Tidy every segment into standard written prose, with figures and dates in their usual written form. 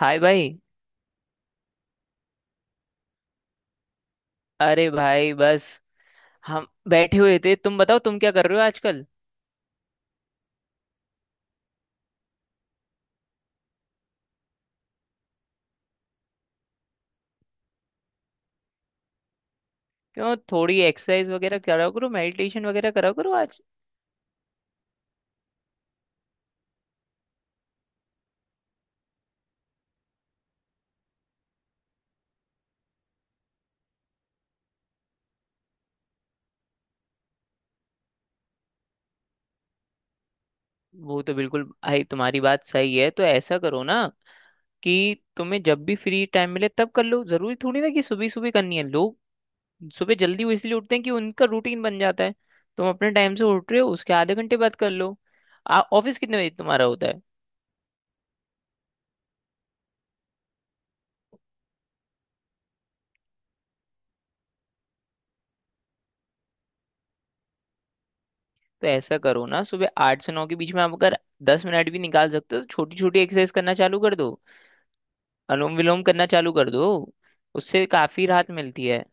हाय भाई। अरे भाई, बस हम बैठे हुए थे। तुम बताओ, तुम क्या कर रहे हो आजकल? क्यों, थोड़ी एक्सरसाइज वगैरह करा करो, मेडिटेशन वगैरह करा करो आज। वो तो बिल्कुल भाई, तुम्हारी बात सही है। तो ऐसा करो ना कि तुम्हें जब भी फ्री टाइम मिले तब कर लो। जरूरी थोड़ी ना कि सुबह सुबह करनी है। लोग सुबह जल्दी वो इसलिए उठते हैं कि उनका रूटीन बन जाता है। तुम अपने टाइम से उठ रहे हो, उसके आधे घंटे बाद कर लो। ऑफिस कितने बजे तुम्हारा होता है? तो ऐसा करो ना, सुबह 8 से 9 के बीच में आप अगर 10 मिनट भी निकाल सकते हो तो छोटी छोटी एक्सरसाइज करना चालू कर दो। अनुलोम विलोम करना चालू कर दो। उससे काफी राहत मिलती है।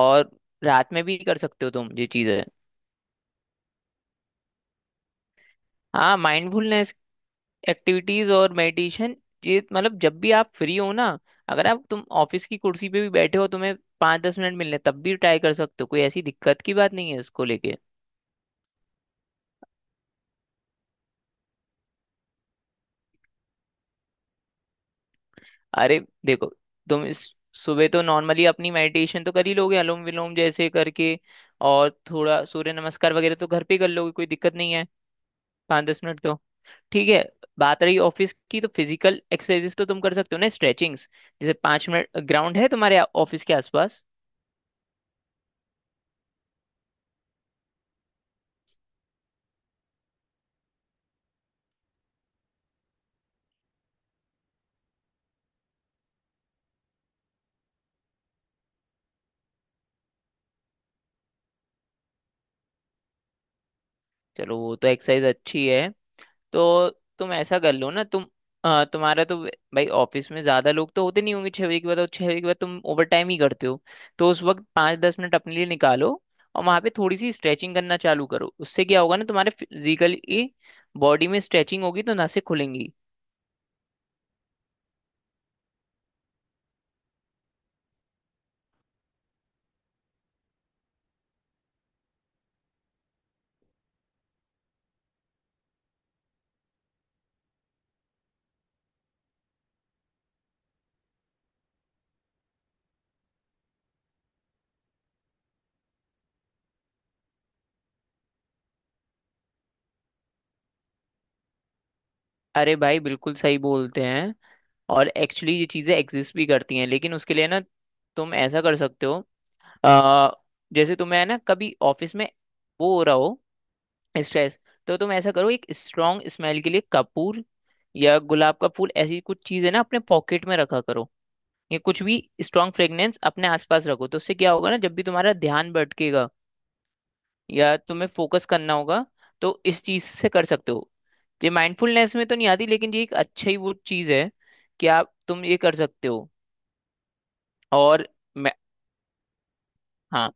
और रात में भी कर सकते हो तुम, ये चीज है। हाँ, माइंडफुलनेस एक्टिविटीज और मेडिटेशन। ये मतलब जब भी आप फ्री हो ना, अगर आप तुम ऑफिस की कुर्सी पे भी बैठे हो, तुम्हें 5 10 मिनट मिल रहे हैं, तब भी ट्राई कर सकते हो। कोई ऐसी दिक्कत की बात नहीं है इसको लेके। अरे, देखो, तुम इस सुबह तो नॉर्मली अपनी मेडिटेशन तो कर ही लोगे, अनुलोम विलोम जैसे करके। और थोड़ा सूर्य नमस्कार वगैरह तो घर पे ही कर लोगे, कोई दिक्कत नहीं है। 5 10 मिनट तो। ठीक है। बात रही ऑफिस की, तो फिजिकल एक्सरसाइजेस तो तुम कर सकते हो ना, स्ट्रेचिंग्स। जैसे 5 मिनट ग्राउंड है तुम्हारे ऑफिस के आसपास। चलो, वो तो एक्सरसाइज अच्छी है। तो तुम ऐसा कर लो ना तुम, तुम्हारा तो भाई ऑफिस में ज्यादा लोग तो होते नहीं होंगे 6 बजे के बाद। और 6 बजे के बाद तुम ओवर टाइम ही करते हो, तो उस वक्त 5 10 मिनट अपने लिए निकालो। और वहां पे थोड़ी सी स्ट्रेचिंग करना चालू करो। उससे क्या होगा ना, तुम्हारे फिजिकली बॉडी में स्ट्रेचिंग होगी तो नसें खुलेंगी। अरे भाई, बिल्कुल सही बोलते हैं। और एक्चुअली ये चीजें एग्जिस्ट भी करती हैं, लेकिन उसके लिए ना तुम ऐसा कर सकते हो। अ, जैसे तुम्हें है ना, कभी ऑफिस में वो हो रहा हो, स्ट्रेस। तो तुम ऐसा करो, एक स्ट्रॉन्ग स्मेल के लिए कपूर या गुलाब का फूल, ऐसी कुछ चीज है ना, अपने पॉकेट में रखा करो। ये कुछ भी स्ट्रॉन्ग फ्रेग्रेंस अपने आसपास रखो, तो उससे क्या होगा ना, जब भी तुम्हारा ध्यान भटकेगा या तुम्हें फोकस करना होगा तो इस चीज से कर सकते हो। ये माइंडफुलनेस में तो नहीं आती, लेकिन ये एक अच्छा ही वो चीज है कि आप तुम ये कर सकते हो। और मैं, हाँ।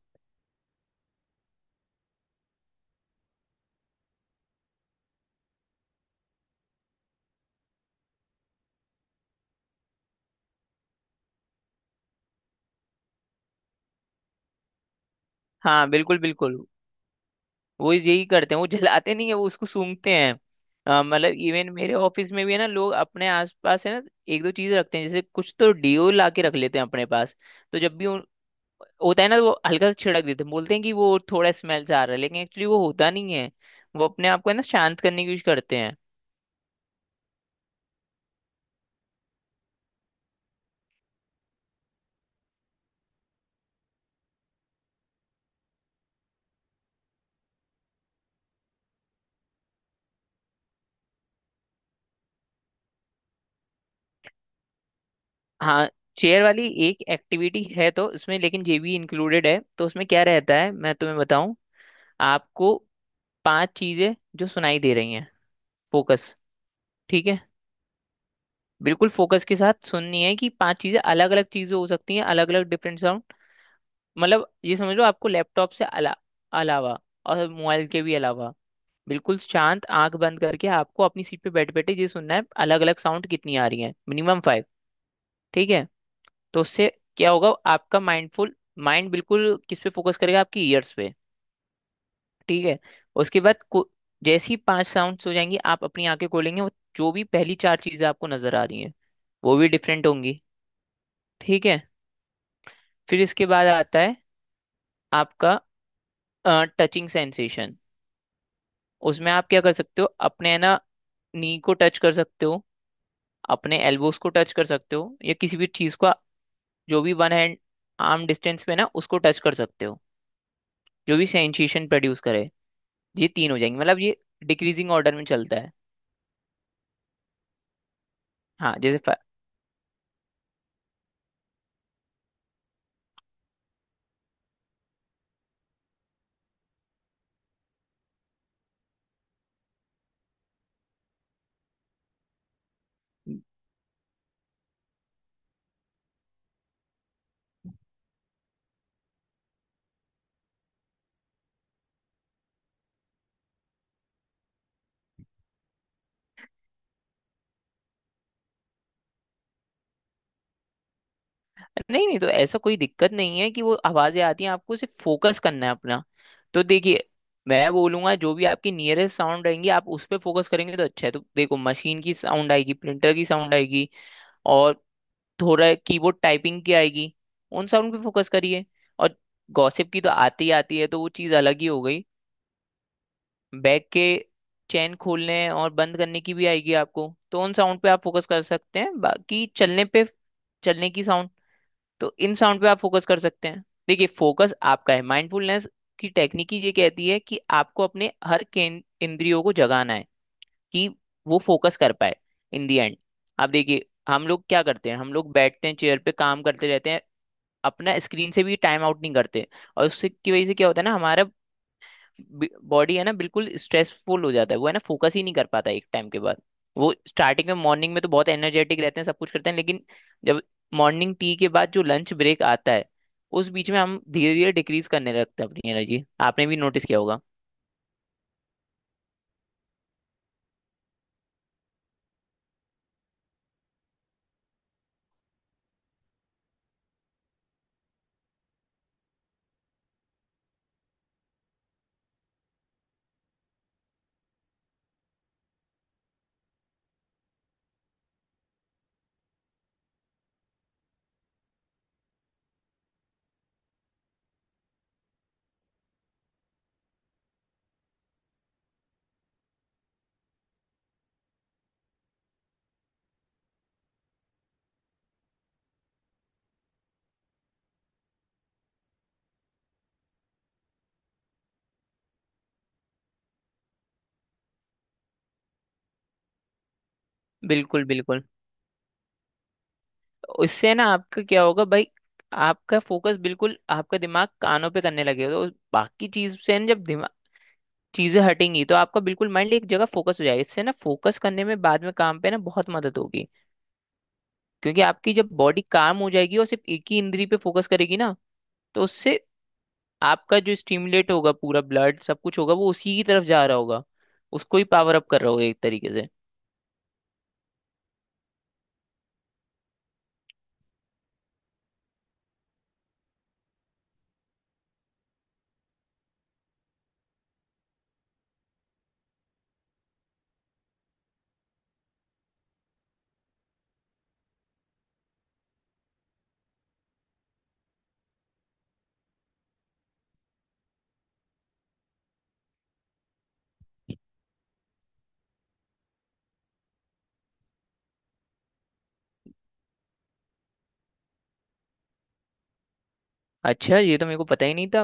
हाँ, बिल्कुल बिल्कुल। वो यही करते हैं, वो जलाते नहीं है, वो उसको सूंघते हैं। मतलब इवन मेरे ऑफिस में भी है ना, लोग अपने आसपास है ना एक दो चीज रखते हैं। जैसे कुछ तो डिओ ला के रख लेते हैं अपने पास। तो जब भी होता है ना तो वो हल्का सा छिड़क देते हैं। बोलते हैं कि वो थोड़ा स्मेल से आ रहा है, लेकिन एक्चुअली वो होता नहीं है। वो अपने आप को है ना शांत करने की कोशिश करते हैं। हाँ, चेयर वाली एक एक्टिविटी है तो उसमें, लेकिन ये भी इंक्लूडेड है। तो उसमें क्या रहता है मैं तुम्हें बताऊं। आपको पांच चीजें जो सुनाई दे रही हैं, फोकस। ठीक है? बिल्कुल फोकस के साथ सुननी है कि पांच चीजें, अलग अलग चीजें हो सकती हैं, अलग अलग डिफरेंट साउंड। मतलब ये समझ लो, आपको लैपटॉप से अलावा और मोबाइल के भी अलावा, बिल्कुल शांत, आंख बंद करके आपको अपनी सीट पे बैठे बैठे ये सुनना है अलग अलग साउंड कितनी आ रही है, मिनिमम फाइव। ठीक है? तो उससे क्या होगा, आपका माइंडफुल माइंड बिल्कुल किस पे फोकस करेगा? आपकी ईयर्स पे। ठीक है? उसके बाद जैसी पांच साउंड्स हो जाएंगी, आप अपनी आंखें खोलेंगे। वो जो भी पहली चार चीजें आपको नजर आ रही हैं वो भी डिफरेंट होंगी। ठीक है? फिर इसके बाद आता है आपका टचिंग सेंसेशन। उसमें आप क्या कर सकते हो, अपने है ना नी को टच कर सकते हो, अपने एल्बोस को टच कर सकते हो, या किसी भी चीज को जो भी वन हैंड आर्म डिस्टेंस पे ना उसको टच कर सकते हो, जो भी सेंसेशन प्रोड्यूस करे। ये तीन हो जाएंगे, मतलब ये डिक्रीजिंग ऑर्डर में चलता है। हाँ जैसे, नहीं नहीं, तो ऐसा कोई दिक्कत नहीं है कि वो आवाजें आती हैं, आपको सिर्फ फोकस करना है अपना। तो देखिए, मैं बोलूंगा जो भी आपकी नियरेस्ट साउंड रहेंगी, आप उस पर फोकस करेंगे तो अच्छा है। तो देखो, मशीन की साउंड आएगी, प्रिंटर की साउंड आएगी, और थोड़ा कीबोर्ड टाइपिंग की आएगी। उन साउंड पे फोकस करिए। और गॉसिप की तो आती ही आती है, तो वो चीज़ अलग ही हो गई। बैग के चैन खोलने और बंद करने की भी आएगी आपको, तो उन साउंड पे आप फोकस कर सकते हैं। बाकी चलने पे, चलने की साउंड, तो इन साउंड पे आप फोकस कर सकते हैं। देखिए, फोकस आपका है। माइंडफुलनेस की टेक्निक ही ये कहती है कि आपको अपने हर इंद्रियों को जगाना है कि वो फोकस कर पाए। इन दी एंड आप देखिए, हम लोग क्या करते हैं, हम लोग बैठते हैं चेयर पे, काम करते रहते हैं, अपना स्क्रीन से भी टाइम आउट नहीं करते। और उससे की वजह से क्या होता है ना, हमारा बॉडी है ना बिल्कुल स्ट्रेसफुल हो जाता है, वो है ना फोकस ही नहीं कर पाता एक टाइम के बाद। वो स्टार्टिंग में, मॉर्निंग में तो बहुत एनर्जेटिक रहते हैं, सब कुछ करते हैं, लेकिन जब मॉर्निंग टी के बाद जो लंच ब्रेक आता है, उस बीच में हम धीरे धीरे डिक्रीज करने लगते हैं अपनी एनर्जी। आपने भी नोटिस किया होगा। बिल्कुल बिल्कुल। उससे ना आपका क्या होगा भाई, आपका फोकस बिल्कुल, आपका दिमाग कानों पे करने लगेगा। तो बाकी चीज से ना जब दिमाग चीजें हटेंगी तो आपका बिल्कुल माइंड एक जगह फोकस हो जाएगा। इससे ना फोकस करने में बाद में काम पे ना बहुत मदद होगी, क्योंकि आपकी जब बॉडी काम हो जाएगी और सिर्फ एक ही इंद्री पे फोकस करेगी ना, तो उससे आपका जो स्टिमुलेट होगा पूरा, ब्लड सब कुछ होगा वो उसी की तरफ जा रहा होगा, उसको ही पावर अप कर रहा होगा एक तरीके से। अच्छा, ये तो मेरे को पता ही नहीं था।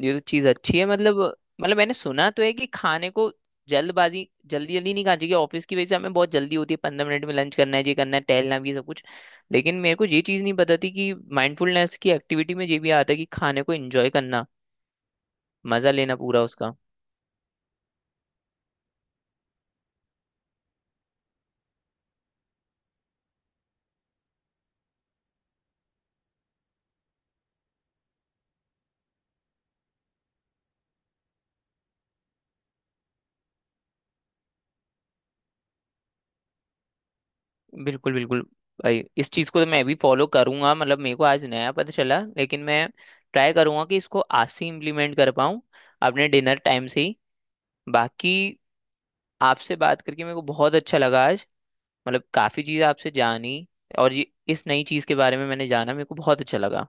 ये तो चीज़ अच्छी है, मतलब। मैंने सुना तो है कि खाने को जल्दबाजी, जल्दी जल्दी नहीं खाना चाहिए। ऑफिस की वजह से हमें बहुत जल्दी होती है, 15 मिनट में लंच करना है, ये करना है, टहलना भी है, सब कुछ। लेकिन मेरे को ये चीज़ नहीं पता थी कि माइंडफुलनेस की एक्टिविटी में ये भी आता है कि खाने को एंजॉय करना, मजा लेना पूरा उसका। बिल्कुल बिल्कुल। भाई, इस चीज को तो मैं भी फॉलो करूंगा, मतलब मेरे को आज नया पता चला। लेकिन मैं ट्राई करूंगा कि इसको आज से इम्प्लीमेंट कर पाऊँ अपने डिनर टाइम से ही। बाकी आपसे बात करके मेरे को बहुत अच्छा लगा आज, मतलब काफी चीज आपसे जानी, और ये इस नई चीज के बारे में मैंने जाना, मेरे को बहुत अच्छा लगा।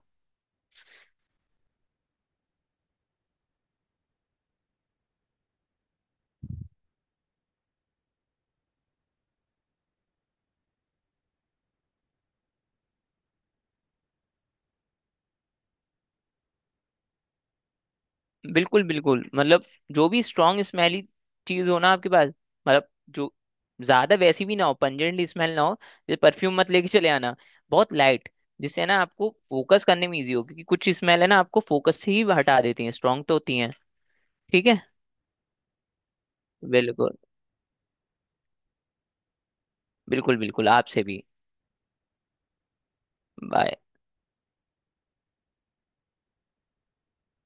बिल्कुल बिल्कुल। मतलब जो भी स्ट्रांग स्मेली चीज हो ना आपके पास, मतलब जो ज्यादा वैसी भी ना हो, पंजेंट स्मेल ना हो, जैसे परफ्यूम मत लेके चले आना। बहुत लाइट, जिससे ना आपको फोकस करने में इजी हो। क्योंकि कुछ स्मेल है ना आपको फोकस से ही हटा देती हैं, स्ट्रांग तो होती हैं। ठीक है। बिल्कुल बिल्कुल। बिल्कुल आपसे भी। बाय।